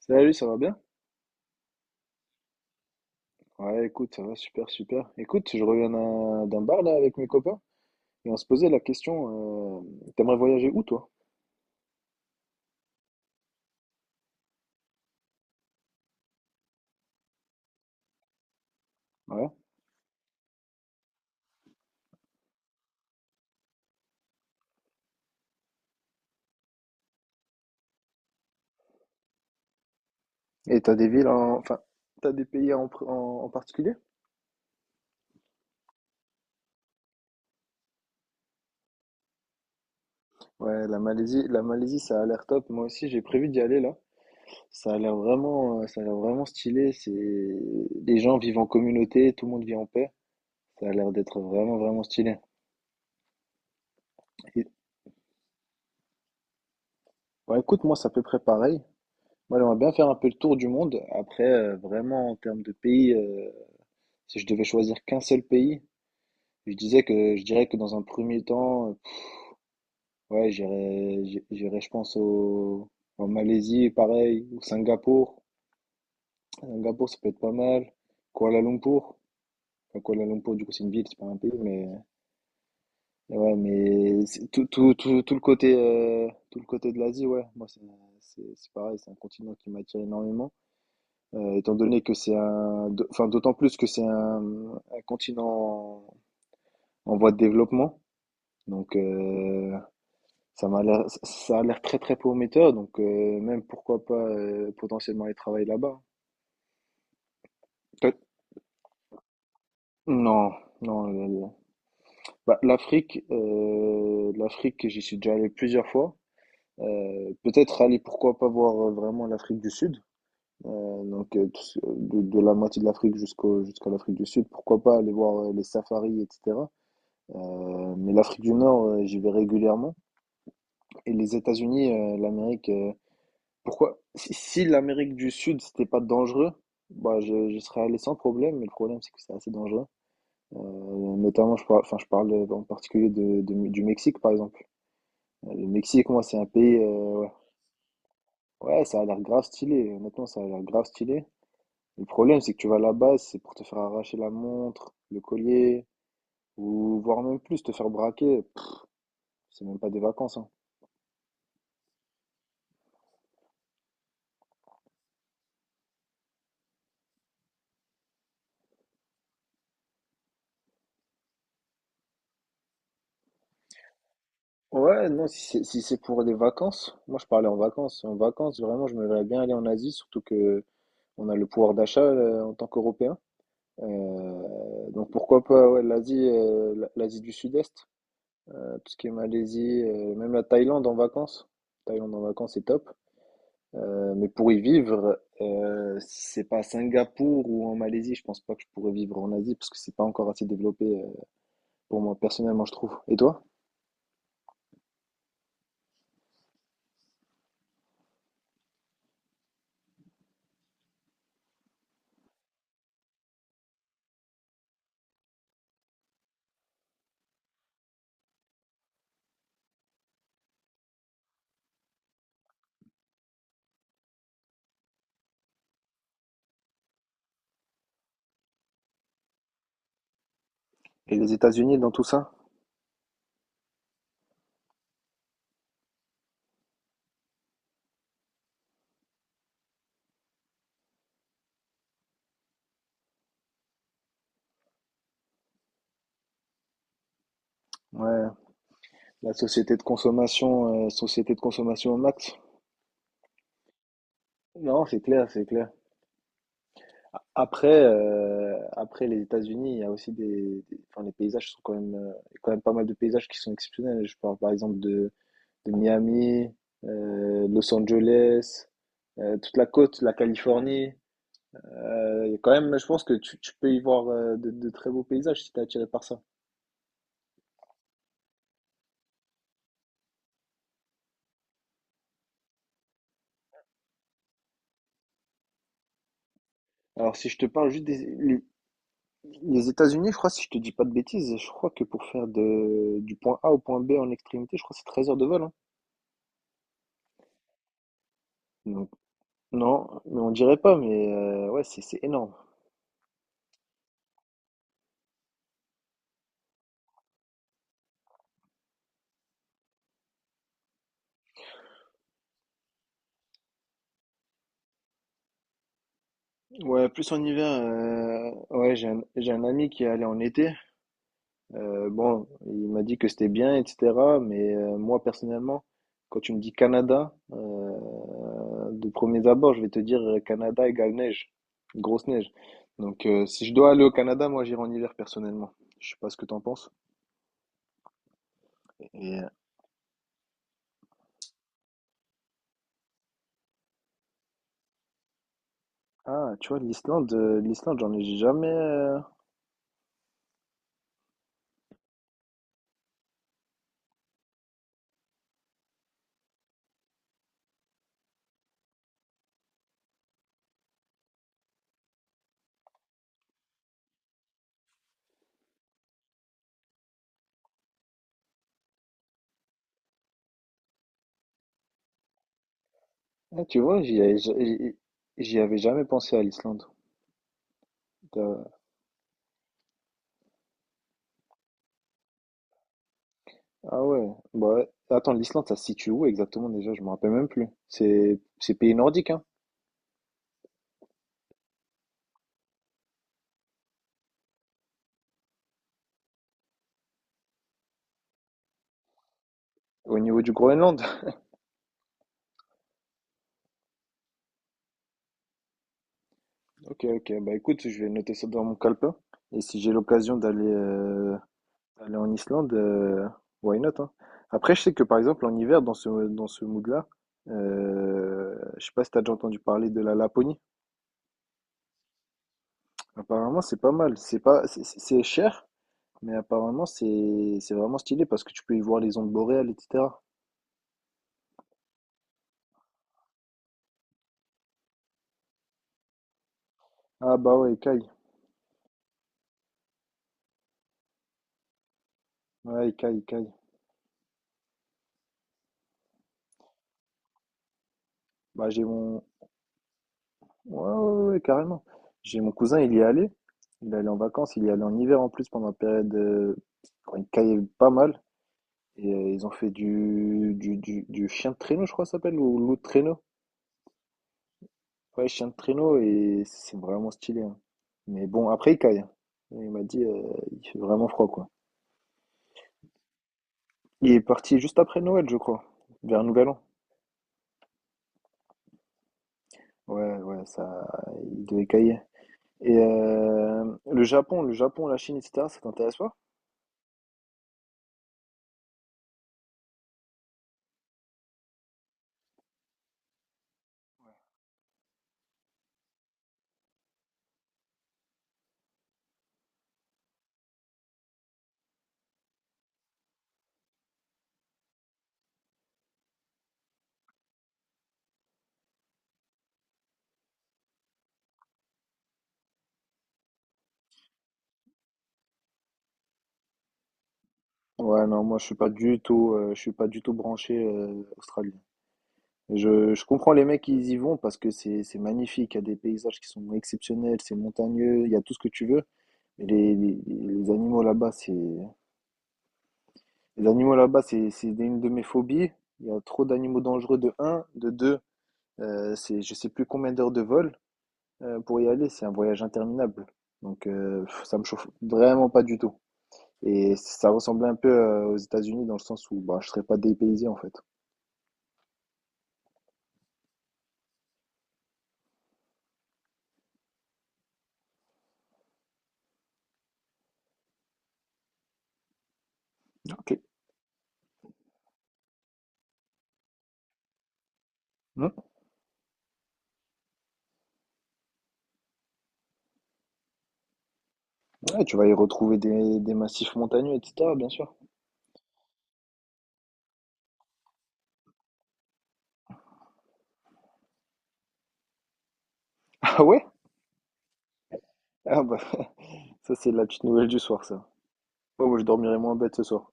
Salut, ça va bien? Ouais, écoute, ça va super, super. Écoute, je reviens d'un bar là avec mes copains et on se posait la question, t'aimerais voyager où toi? Ouais. Et t'as des villes enfin, t'as des pays en particulier? Ouais, la Malaisie, ça a l'air top. Moi aussi, j'ai prévu d'y aller là. Ça a l'air vraiment stylé. Les gens vivent en communauté, tout le monde vit en paix. Ça a l'air d'être vraiment, vraiment stylé. Et- Ouais, écoute, moi, c'est à peu près pareil. Moi, j'aimerais bien faire un peu le tour du monde. Après, vraiment, en termes de pays, si je devais choisir qu'un seul pays, je dirais que dans un premier temps, ouais, j'irais je pense au en Malaisie pareil ou Singapour. Singapour ça peut être pas mal. Kuala Lumpur. Enfin Kuala Lumpur du coup c'est une ville, c'est pas un pays mais ouais, mais c'est tout le côté de l'Asie ouais, moi c'est pareil, c'est un continent qui m'attire énormément, étant donné que c'est un d'au enfin d'autant plus que c'est un continent en voie de développement donc ça a l'air très très prometteur, donc même pourquoi pas potentiellement aller travailler là-bas. Peut- Non, non. Bah, l'Afrique, j'y suis déjà allé plusieurs fois. Pourquoi pas voir vraiment l'Afrique du Sud, donc de la moitié de l'Afrique jusqu'à l'Afrique du Sud. Pourquoi pas aller voir les safaris, etc. Mais l'Afrique du Nord, j'y vais régulièrement. Et les États-Unis, l'Amérique. Pourquoi? Si l'Amérique du Sud, c'était pas dangereux, bah je serais allé sans problème, mais le problème, c'est que c'est assez dangereux. Euh, Notamment, enfin, je parle en particulier du Mexique, par exemple. Le Mexique, moi, c'est un pays, ouais, ouais, ça a l'air grave stylé. Honnêtement, ça a l'air grave stylé. Le problème, c'est que tu vas là-bas, c'est pour te faire arracher la montre, le collier, ou voire même plus, te faire braquer. Pff, c'est même pas des vacances, hein. Ouais, non, si c'est pour des vacances, moi je parlais en vacances. En vacances, vraiment, je me verrais bien aller en Asie, surtout que on a le pouvoir d'achat en tant qu'Européens. Donc pourquoi pas ouais, l'Asie du Sud-Est, tout ce qui est Malaisie, même la Thaïlande en vacances. Thaïlande en vacances, c'est top. Mais pour y vivre, si c'est pas à Singapour ou en Malaisie, je pense pas que je pourrais vivre en Asie parce que c'est pas encore assez développé pour moi personnellement, je trouve. Et toi? Et les États-Unis dans tout ça? Ouais, la société de consommation au max. Non, c'est clair, c'est clair. Après les États-Unis, il y a aussi enfin, les paysages sont quand même, il y a quand même pas mal de paysages qui sont exceptionnels. Je parle par exemple de Miami, Los Angeles, toute la côte, la Californie. Quand même, je pense que tu peux y voir de très beaux paysages si t'es attiré par ça. Alors, si je te parle juste les États-Unis, je crois, si je te dis pas de bêtises, je crois que pour faire du point A au point B en extrémité, je crois que c'est 13 heures de vol, hein. Donc, non, mais on dirait pas, mais ouais, c'est énorme. Ouais, plus en hiver, ouais, j'ai un ami qui est allé en été. Bon, il m'a dit que c'était bien, etc. Mais moi, personnellement, quand tu me dis Canada, de premiers abords, je vais te dire Canada égale neige, grosse neige. Donc, si je dois aller au Canada, moi, j'irai en hiver, personnellement. Je sais pas ce que t'en penses. Et, ah, tu vois, l'Islande, j'en ai jamais. Ah, tu vois, j'y ai- j'y j'y avais jamais pensé à l'Islande. Ah ouais. Bah, ouais. Attends, l'Islande, ça se situe où exactement déjà? Je me rappelle même plus. C'est pays nordique, hein? Au niveau du Groenland? Ok, ok. Bah écoute, je vais noter ça dans mon calepin. Et si j'ai l'occasion d'aller aller en Islande, why not, hein. Après, je sais que par exemple, en hiver, dans ce mood-là, je sais pas si t'as déjà entendu parler de la Laponie. Apparemment, c'est pas mal. C'est pas, c'est cher, mais apparemment, c'est vraiment stylé parce que tu peux y voir les ondes boréales, etc. Ah bah ouais, Kai. Ouais, Kai, Kai. Bah j'ai mon... Ouais, ouais, ouais, ouais, carrément. J'ai mon cousin, il y est allé. Il est allé en vacances, il y est allé en hiver en plus pendant la période quand il caillait pas mal. Et ils ont fait du chien de traîneau, je crois que ça s'appelle, ou loup de traîneau. Ouais, chien de traîneau, et c'est vraiment stylé, hein. Mais bon, après, il caille, hein. Il m'a dit, il fait vraiment froid, quoi. Il est parti juste après Noël, je crois, vers Nouvel An. Ouais, ouais, ça, il devait cailler. Et le Japon, la Chine, etc., ça t'intéresse pas? Ouais, non, moi, je suis pas du tout, je suis pas du tout branché australien. Je comprends les mecs qui y vont parce que c'est magnifique, il y a des paysages qui sont exceptionnels, c'est montagneux, il y a tout ce que tu veux. Mais les animaux là-bas, c'est une de mes phobies. Il y a trop d'animaux dangereux de un, de deux, c'est je sais plus combien d'heures de vol. Pour y aller, c'est un voyage interminable. Donc, ça me chauffe vraiment pas du tout. Et ça ressemblait un peu aux États-Unis dans le sens où bah, je serais pas dépaysé en fait. Ok. Hmm. Ouais, tu vas y retrouver des massifs montagneux, et cetera. Bien sûr. Ah ouais? Ah bah, ça c'est la petite nouvelle du soir, ça. Ouais, moi je dormirai moins bête ce soir.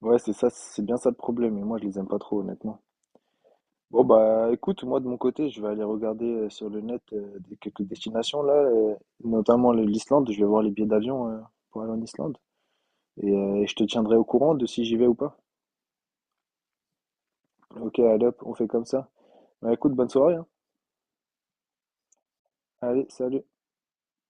Ouais, c'est ça, c'est bien ça le problème. Et moi, je les aime pas trop, honnêtement. Bon bah, écoute, moi de mon côté, je vais aller regarder sur le net quelques destinations là, notamment l'Islande. Je vais voir les billets d'avion pour aller en Islande. Et je te tiendrai au courant de si j'y vais ou pas. Ok, allez hop, on fait comme ça. Bah, écoute, bonne soirée, hein. Allez, salut.